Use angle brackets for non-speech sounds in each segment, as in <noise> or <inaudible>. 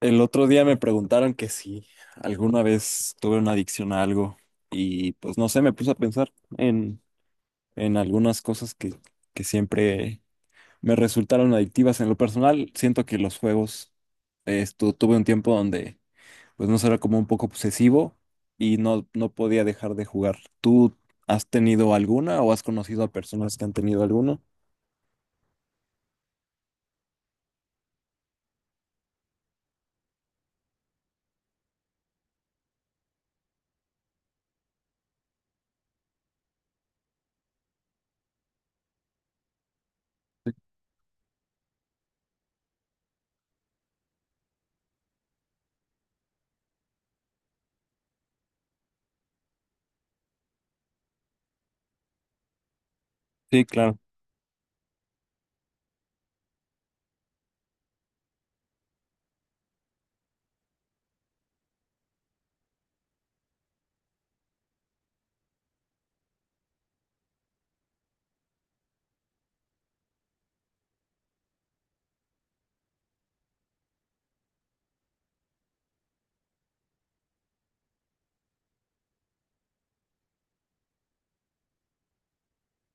El otro día me preguntaron que si alguna vez tuve una adicción a algo y pues no sé, me puse a pensar en algunas cosas que siempre me resultaron adictivas. En lo personal, siento que los juegos, esto, tuve un tiempo donde pues no sé, era como un poco obsesivo y no podía dejar de jugar. ¿Tú has tenido alguna o has conocido a personas que han tenido alguna? Sí, claro.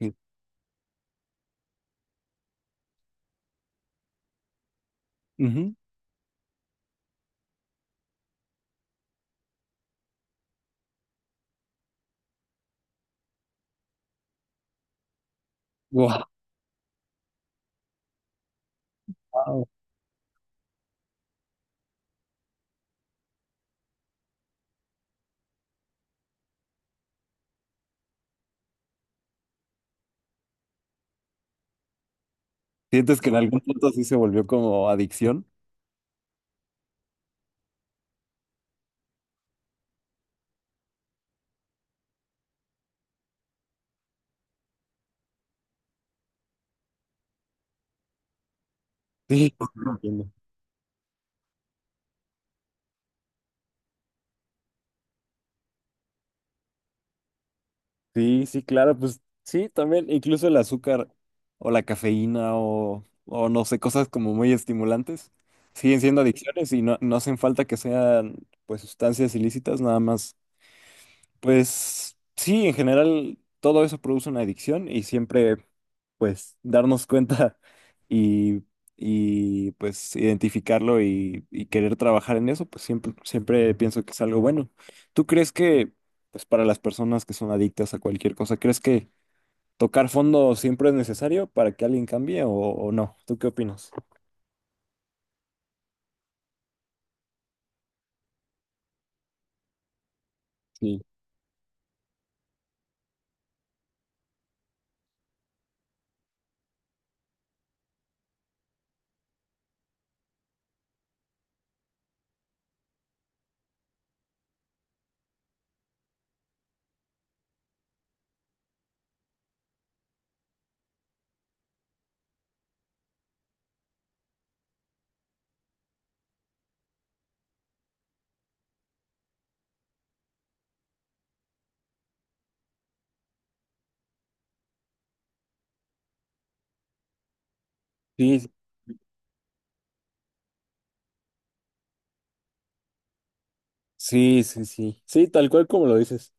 Sí. Ujú. Wow. ¿Sientes que en algún punto sí se volvió como adicción? Sí, <laughs> entiendo. Sí, sí, claro, pues sí, también, incluso el azúcar o la cafeína o no sé, cosas como muy estimulantes siguen siendo adicciones y no hacen falta que sean pues sustancias ilícitas, nada más. Pues sí, en general todo eso produce una adicción y siempre pues darnos cuenta <laughs> y, y pues identificarlo y querer trabajar en eso, pues siempre, siempre pienso que es algo bueno. ¿Tú crees que pues para las personas que son adictas a cualquier cosa, crees que tocar fondo siempre es necesario para que alguien cambie o no? ¿Tú qué opinas? Sí, sí. Sí, sí, sí. Sí, tal cual como lo dices.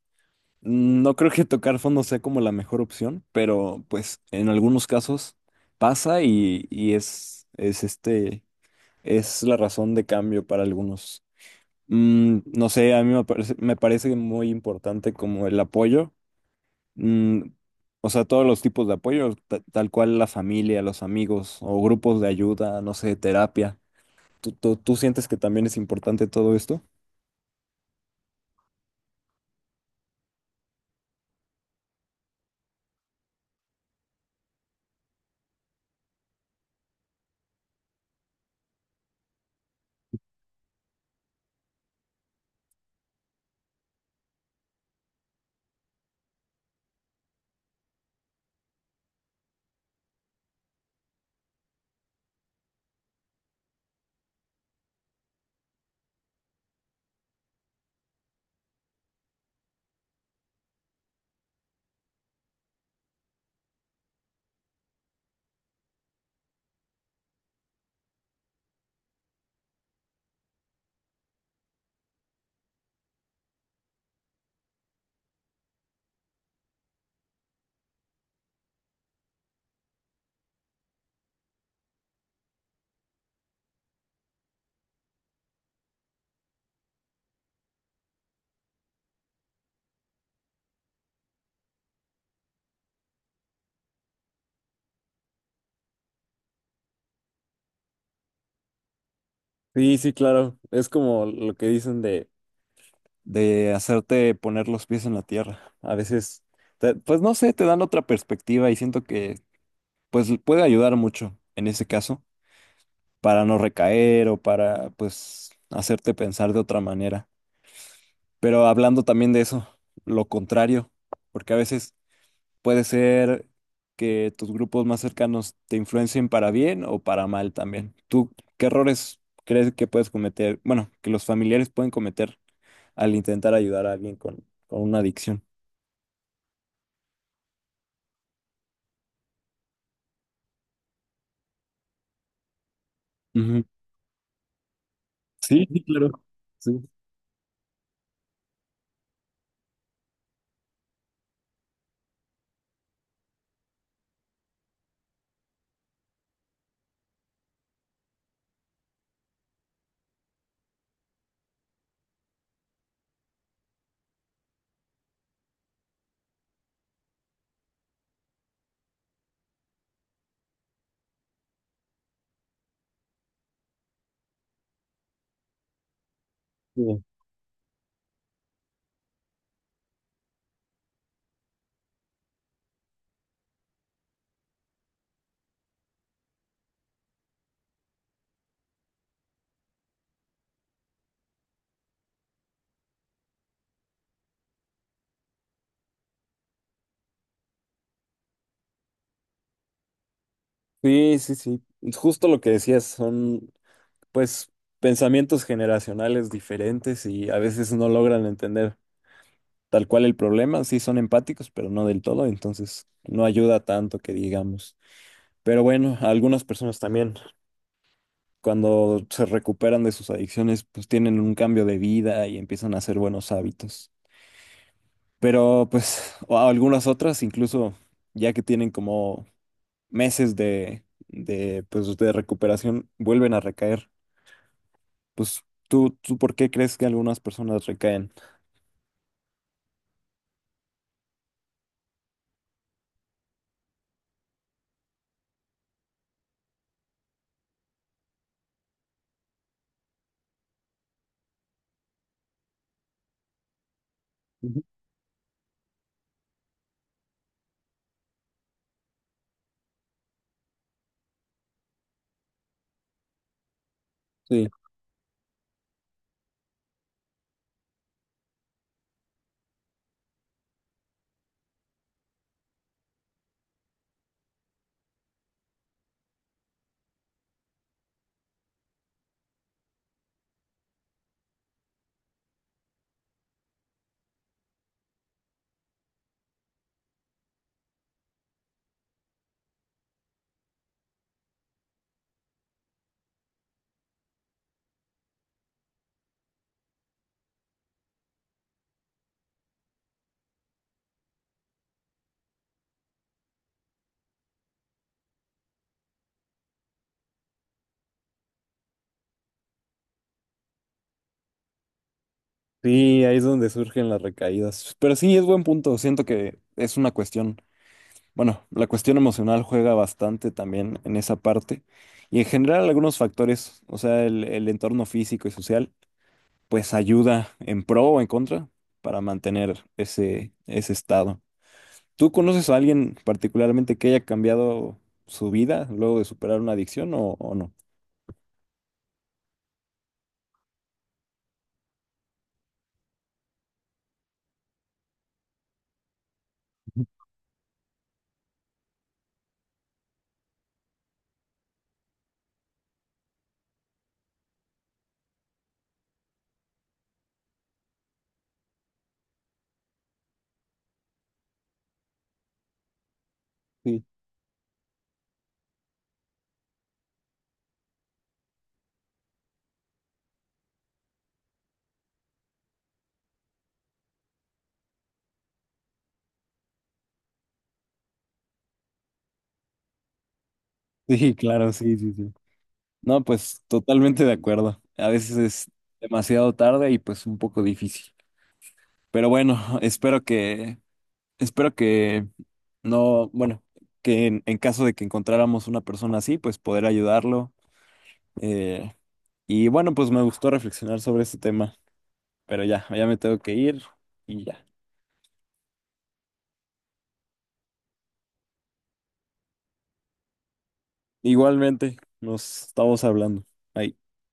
No creo que tocar fondo sea como la mejor opción, pero pues en algunos casos pasa y es este, es la razón de cambio para algunos. Mm, no sé, a mí me parece muy importante como el apoyo, mm, o sea, todos los tipos de apoyo, tal cual la familia, los amigos o grupos de ayuda, no sé, terapia. ¿Tú sientes que también es importante todo esto? Sí, sí, claro. Es como lo que dicen de hacerte poner los pies en la tierra. A veces, pues no sé, te dan otra perspectiva y siento que pues puede ayudar mucho en ese caso para no recaer o para pues hacerte pensar de otra manera. Pero hablando también de eso, lo contrario, porque a veces puede ser que tus grupos más cercanos te influencien para bien o para mal también. ¿Tú qué errores crees que puedes cometer? Bueno, que los familiares pueden cometer al intentar ayudar a alguien con una adicción. Ujú. Sí, sí, claro. Sí, sí, sí, sí. Sí. Es justo lo que decías, son pues pensamientos generacionales diferentes y a veces no logran entender tal cual el problema. Sí son empáticos, pero no del todo, entonces no ayuda tanto que digamos. Pero bueno, a algunas personas también, cuando se recuperan de sus adicciones, pues tienen un cambio de vida y empiezan a hacer buenos hábitos. Pero pues o a algunas otras incluso ya que tienen como meses pues, de recuperación vuelven a recaer. Pues tú, ¿tú por qué crees que algunas personas recaen? Ujú. Sí. Sí, ahí es donde surgen las recaídas. Pero sí, es buen punto. Siento que es una cuestión, bueno, la cuestión emocional juega bastante también en esa parte. Y en general algunos factores, o sea, el entorno físico y social, pues ayuda en pro o en contra para mantener ese estado. ¿Tú conoces a alguien particularmente que haya cambiado su vida luego de superar una adicción o no? Sí, sí, claro, sí, sí, sí. No, pues totalmente de acuerdo. A veces es demasiado tarde y pues un poco difícil. Pero bueno, espero que, espero que no, bueno, que en caso de que encontráramos una persona así, pues poder ayudarlo. Eh, y bueno, pues me gustó reflexionar sobre este tema, pero ya me tengo que ir y ya. Igualmente, nos estamos hablando. Ahí.